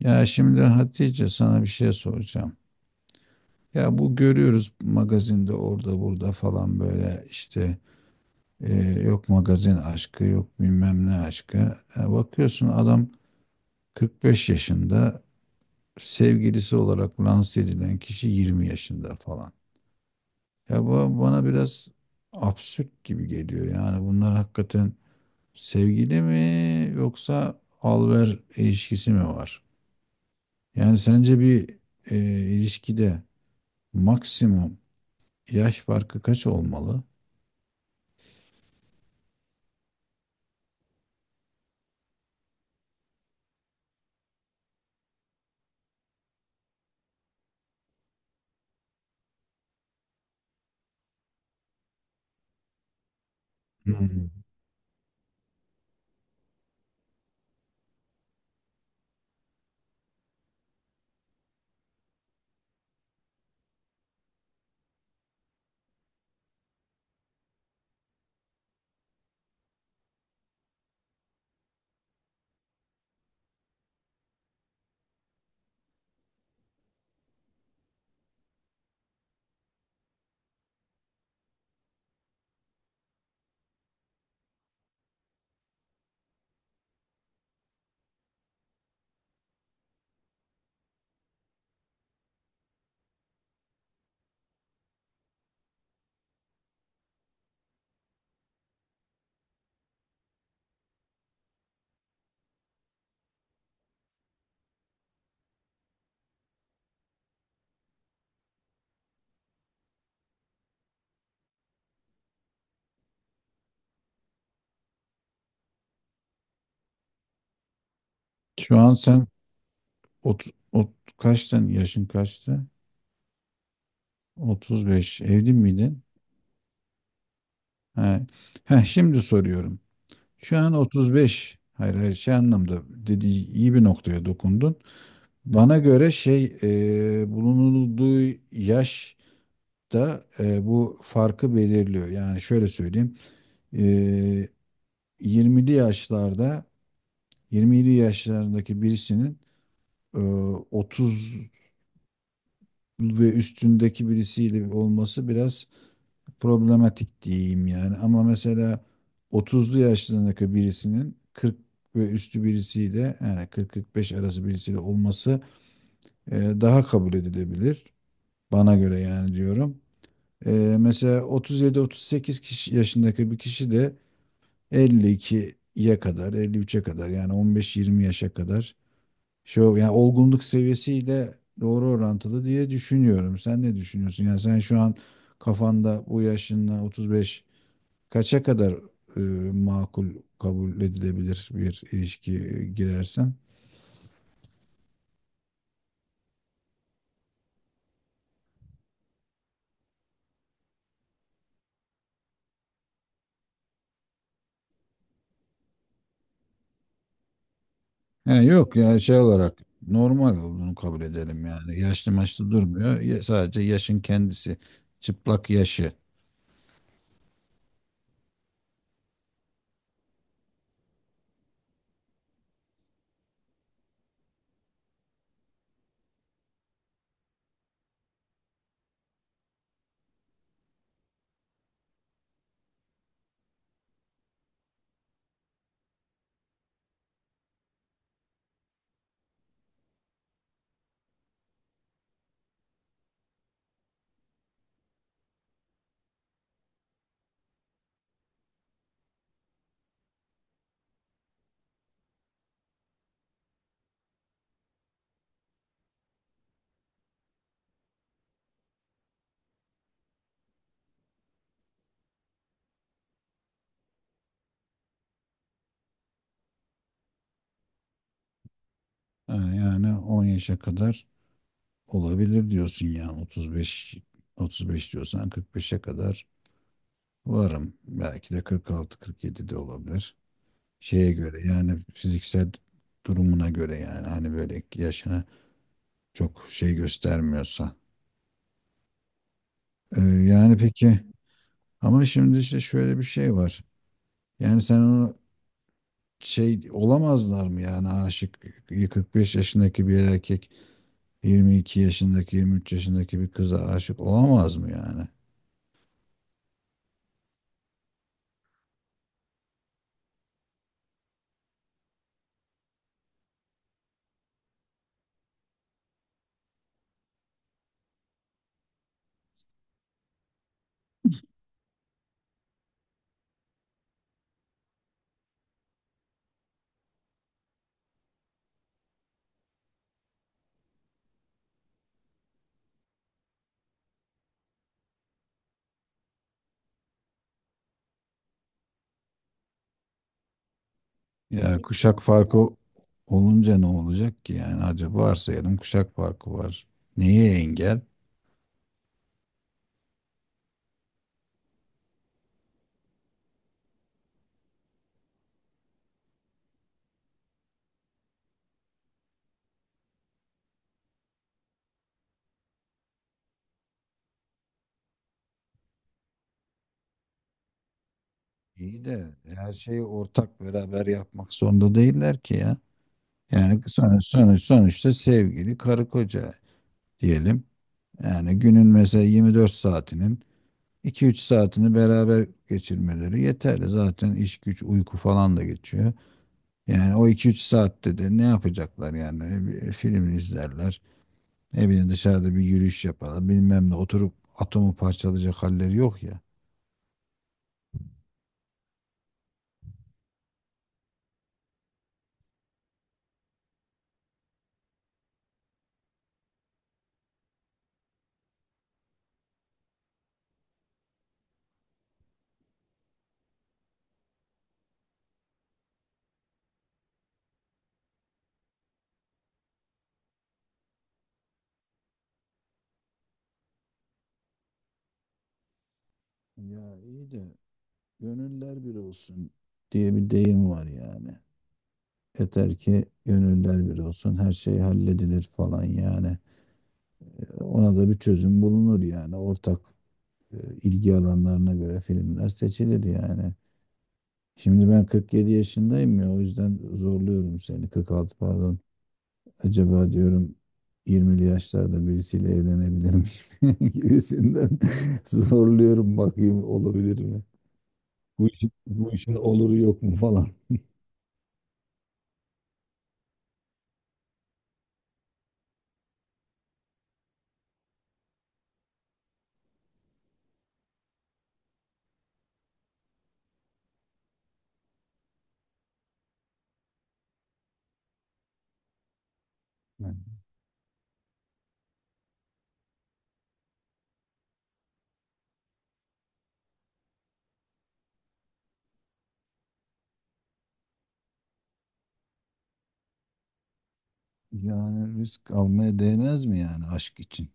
Ya şimdi Hatice sana bir şey soracağım. Ya bu görüyoruz magazinde orada burada falan böyle işte yok magazin aşkı yok bilmem ne aşkı. Ya bakıyorsun adam 45 yaşında sevgilisi olarak lanse edilen kişi 20 yaşında falan. Ya bu bana biraz absürt gibi geliyor. Yani bunlar hakikaten sevgili mi yoksa alver ilişkisi mi var? Yani sence bir e, ilişkide maksimum yaş farkı kaç olmalı? Hmm. Şu an sen ot, ot, kaçtın? Yaşın kaçtı? 35. Evli miydin? Ha. Ha, şimdi soruyorum. Şu an 35. Hayır, hayır, şey anlamda dediği iyi bir noktaya dokundun. Bana göre şey bulunulduğu yaş da bu farkı belirliyor. Yani şöyle söyleyeyim. E, 20'li yaşlarda 27 yaşlarındaki birisinin e, ve üstündeki birisiyle olması biraz problematik diyeyim yani. Ama mesela otuzlu yaşlarındaki birisinin 40 ve üstü birisiyle yani 40 45 arası birisiyle olması daha kabul edilebilir. Bana göre yani diyorum. E, mesela 37-38 kişi, yaşındaki bir kişi de 52'ye kadar, 53'e kadar yani 15 20 yaşa kadar şu yani olgunluk seviyesiyle doğru orantılı diye düşünüyorum. Sen ne düşünüyorsun? Yani sen şu an kafanda bu yaşınla 35 kaça kadar e, makul kabul edilebilir bir ilişki girersen? Yani yok ya şey olarak normal olduğunu kabul edelim yani. Yaşlı maçlı durmuyor. Ya- sadece yaşın kendisi. Çıplak yaşı. Ha, yani 10 yaşa kadar olabilir diyorsun yani 35, 35 diyorsan 45'e kadar varım. Belki de 46-47 de olabilir. Şeye göre yani fiziksel durumuna göre yani hani böyle yaşına çok şey göstermiyorsa. Yani peki ama şimdi işte şöyle bir şey var. Yani sen onu şey olamazlar mı yani aşık 45 yaşındaki bir erkek 22 yaşındaki 23 yaşındaki bir kıza aşık olamaz mı yani? Ya kuşak farkı olunca ne olacak ki yani acaba varsayalım kuşak farkı var. Neye engel? İyi de her şeyi ortak beraber yapmak zorunda değiller ki ya. Yani sonuçta sevgili karı koca diyelim. Yani günün mesela 24 saatinin 2-3 saatini beraber geçirmeleri yeterli. Zaten iş güç uyku falan da geçiyor. Yani o 2-3 saatte de ne yapacaklar yani? Bir film izlerler. Ne bileyim dışarıda bir yürüyüş yaparlar. Bilmem ne oturup atomu parçalayacak halleri yok ya. Ya iyi de gönüller bir olsun diye bir deyim var yani. Yeter ki gönüller bir olsun, her şey halledilir falan yani. Ona da bir çözüm bulunur yani. Ortak e, ilgi alanlarına göre filmler seçilir yani. Şimdi ben 47 yaşındayım ya o yüzden zorluyorum seni. 46 pardon. Acaba diyorum 20'li yaşlarda birisiyle evlenebilir miyim gibisinden zorluyorum bakayım olabilir mi? Bu işin oluru yok mu falan. Yani risk almaya değmez mi yani aşk için?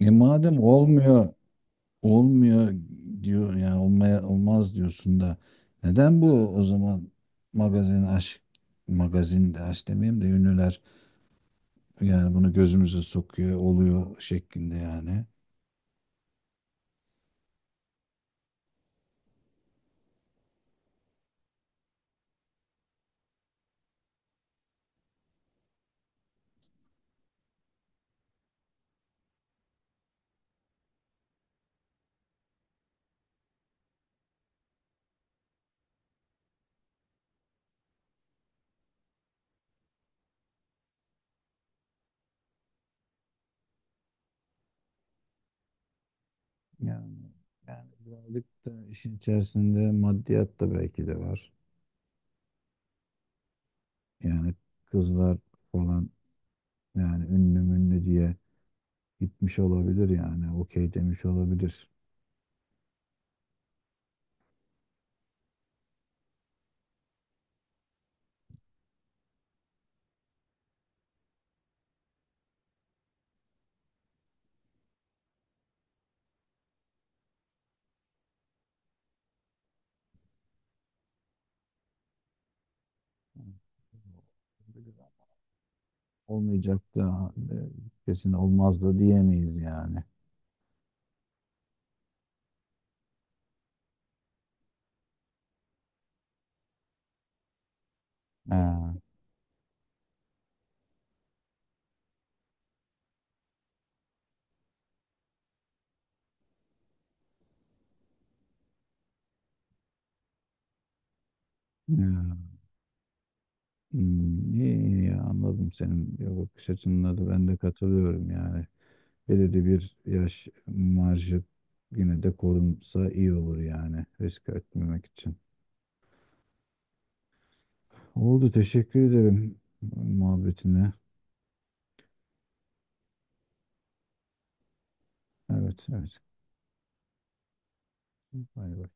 E madem olmuyor, olmuyor diyor yani olmaya olmaz diyorsun da neden bu o zaman magazin aşk magazin de aşk demeyeyim de ünlüler yani bunu gözümüze sokuyor oluyor şeklinde yani. Yani yani birazcık da işin içerisinde maddiyat da belki de var. Yani kızlar falan yani ünlü münlü diye gitmiş olabilir yani okey demiş olabilir. Olmayacaktı. Ha, kesin olmazdı diyemeyiz yani. He, he. Hmm, iyi, iyi, anladım senin ya bakış açınla da ben de katılıyorum yani. Belirli bir yaş marjı yine de korunsa iyi olur yani risk etmemek için. Oldu teşekkür ederim muhabbetine. Evet, evet. Bay bay.